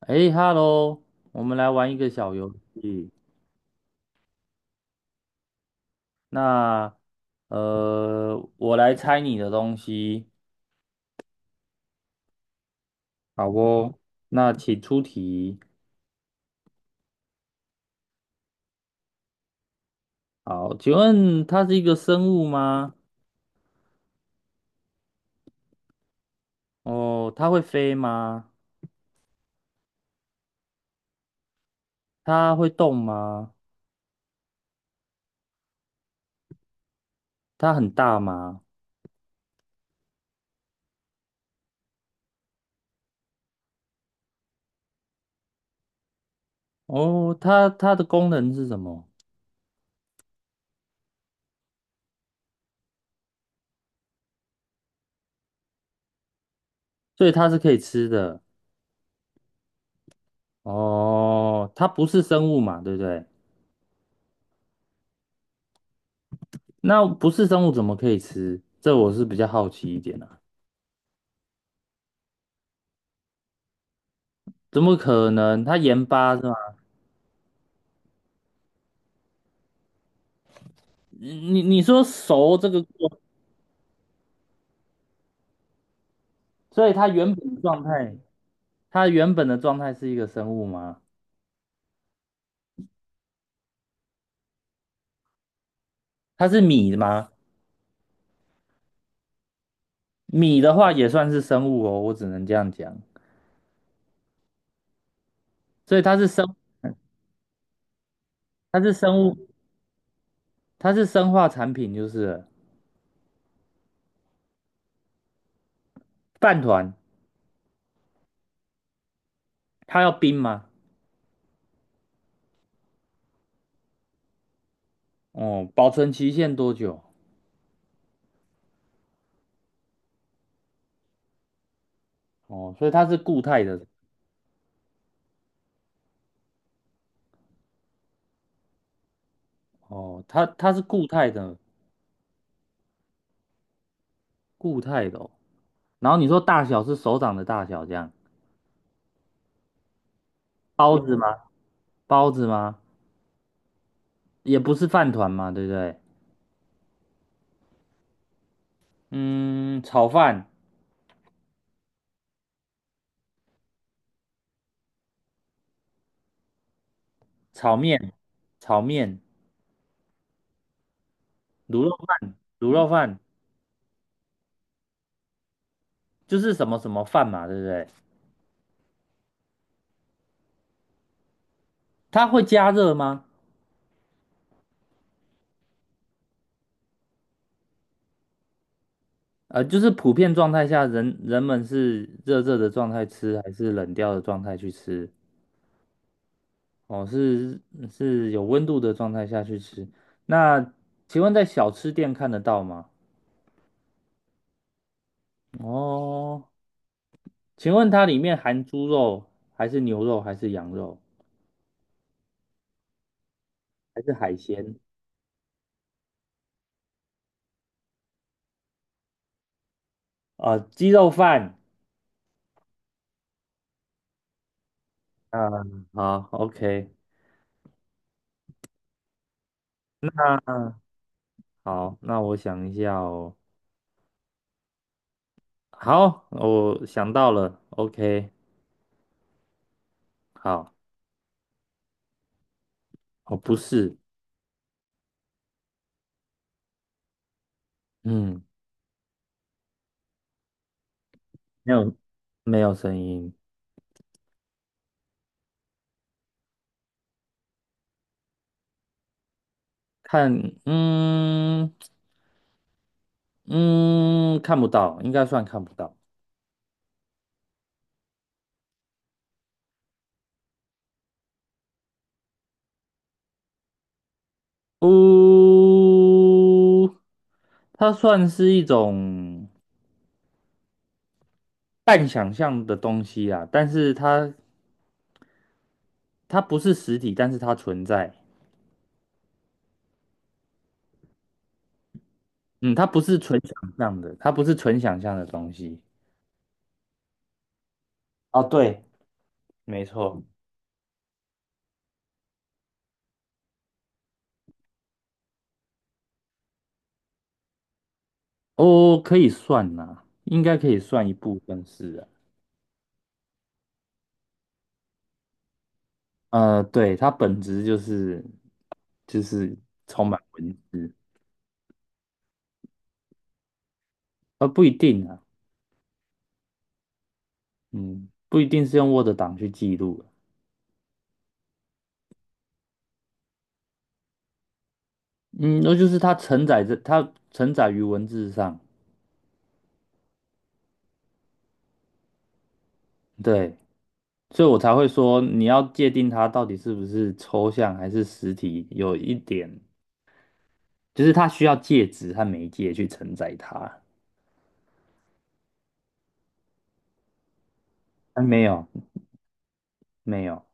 哎，Hello，我们来玩一个小游戏。那我来猜你的东西，好哦。那请出题。好，请问它是一个生物吗？哦，它会飞吗？它会动吗？它很大吗？哦，它的功能是什么？所以它是可以吃的。哦，它不是生物嘛，对不对？那不是生物怎么可以吃？这我是比较好奇一点啊。怎么可能？它盐巴是吗？你说熟这个过所以它原本的状态，它原本的状态是一个生物吗？它是米吗？米的话也算是生物哦，我只能这样讲。所以它是生，它是生物，它是生化产品，就是了饭团，它要冰吗？哦，保存期限多久？哦，所以它是固态的。哦，它是固态的，固态的哦。然后你说大小是手掌的大小这样，包子吗？包子吗？也不是饭团嘛，对不对？嗯，炒饭、炒面、炒面、卤肉饭、卤肉饭，就是什么什么饭嘛，对不对？它会加热吗？就是普遍状态下，人们是热热的状态吃，还是冷掉的状态去吃？哦，是是有温度的状态下去吃。那请问在小吃店看得到吗？哦，请问它里面含猪肉，还是牛肉，还是羊肉，还是海鲜？啊，鸡肉饭，嗯，好，OK，嗯好，那我想一下哦，好，我想到了，OK，好，哦，不是，嗯，没有，没有声音，看，嗯嗯，看不到，应该算看不到，呜、它算是一种半想象的东西啊，但是它它不是实体，但是它存在。嗯，它不是纯想象的，它不是纯想象的东西。哦，对，没错，哦，可以算呐、应该可以算一部分是啊。呃，对，它本质就是充满文字，呃，不一定啊，嗯，不一定是用 Word 档去记录啊嗯，那就是它承载于文字上，对，所以我才会说你要界定它到底是不是抽象还是实体，有一点就是它需要介质和媒介去承载它。啊，没有，没有，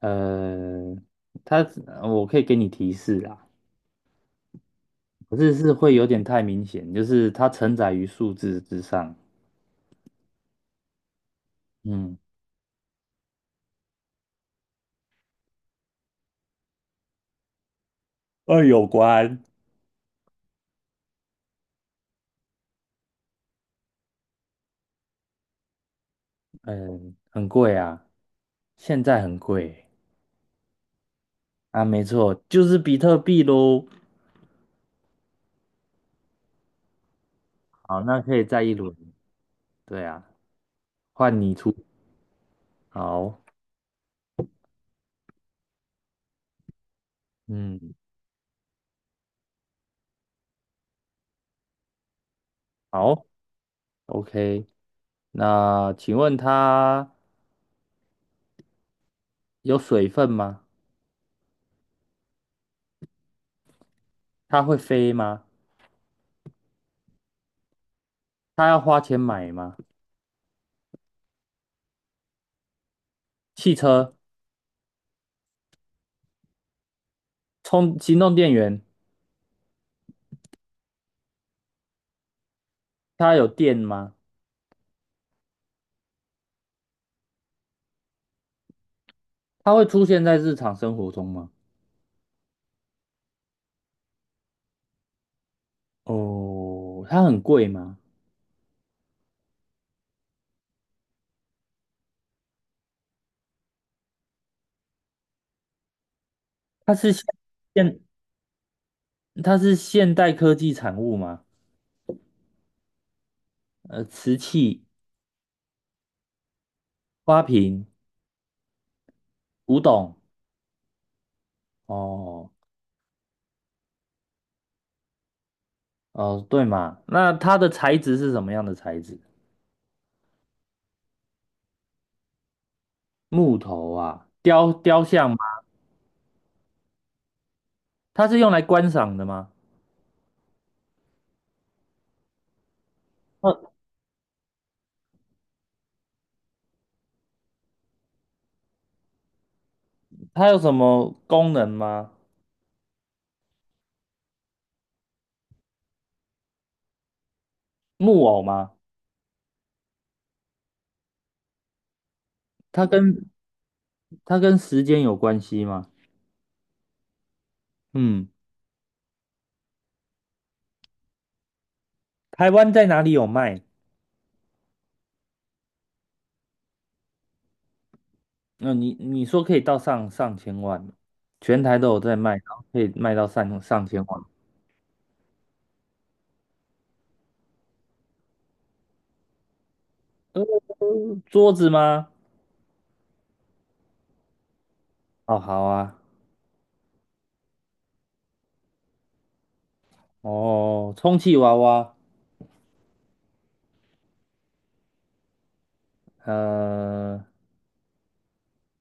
呃，它我可以给你提示啊，可是是会有点太明显，就是它承载于数字之上。嗯二有关，嗯，很贵啊，现在很贵啊，没错，就是比特币喽。好，那可以再一轮。对啊，换你出。好，嗯，好，OK。那请问它有水分吗？它会飞吗？它要花钱买吗？汽车充行动电源，它有电吗？它会出现在日常生活中吗？哦，它很贵吗？它是现现它是现代科技产物吗？呃，瓷器、花瓶、古董。哦哦，对嘛，那它的材质是什么样的材质？木头啊，雕像吗？它是用来观赏的吗？它它有什么功能吗？木偶吗？它跟它跟时间有关系吗？嗯，台湾在哪里有卖？那、你说可以到上上千万，全台都有在卖，然后可以卖到上上千万。桌子吗？哦，好啊，哦，充气娃娃，呃，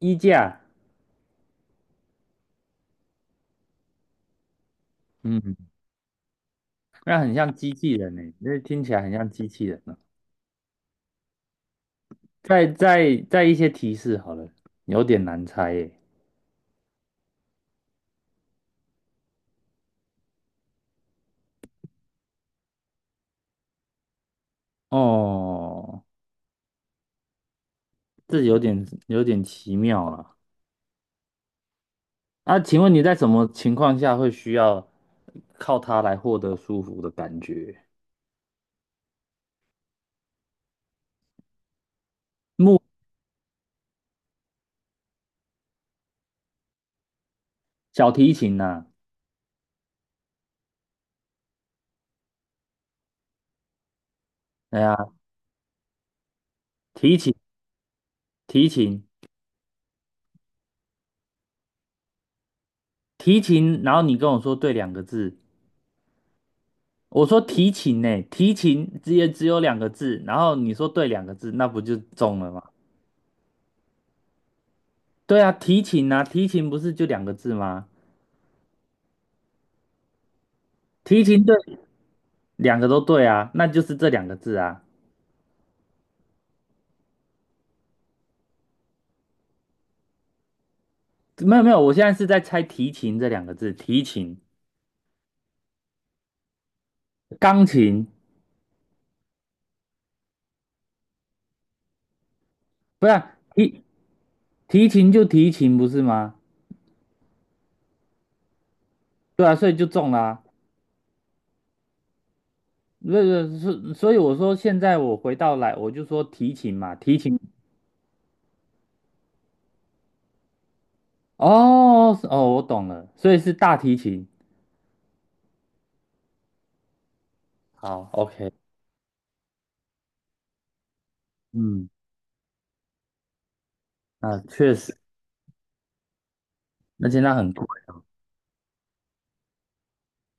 衣架，嗯，那很像机器人呢，那听起来很像机器人呢。再一些提示好了，有点难猜耶。哦，这有点有点奇妙了。那请问你在什么情况下会需要靠它来获得舒服的感觉？小提琴呐、哎呀，提琴，提琴，提琴。然后你跟我说对两个字，我说提琴呢、提琴只也只有两个字，然后你说对两个字，那不就中了吗？对啊，提琴啊，提琴不是就两个字吗？提琴对，两个都对啊，那就是这两个字啊。没有没有，我现在是在猜提琴这两个字，提琴、钢琴。不是啊提提琴就提琴不是吗？对啊，所以就中啦、啊。不是，是所以我说现在我回到来，我就说提琴嘛，提琴。哦是哦，我懂了，所以是大提琴。好，OK，嗯，啊，确实，而且那现在很贵，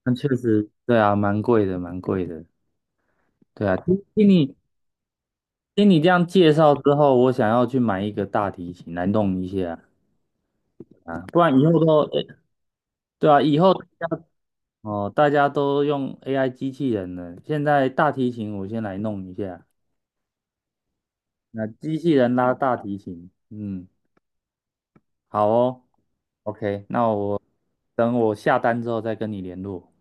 那确实，对啊，蛮贵的，蛮贵的。对啊，听听你听你这样介绍之后，我想要去买一个大提琴来弄一下啊，不然以后都，对啊，以后。哦，大家都用 AI 机器人了。现在大提琴我先来弄一下，那机器人拉大提琴，嗯，好哦，OK，那我等我下单之后再跟你联络。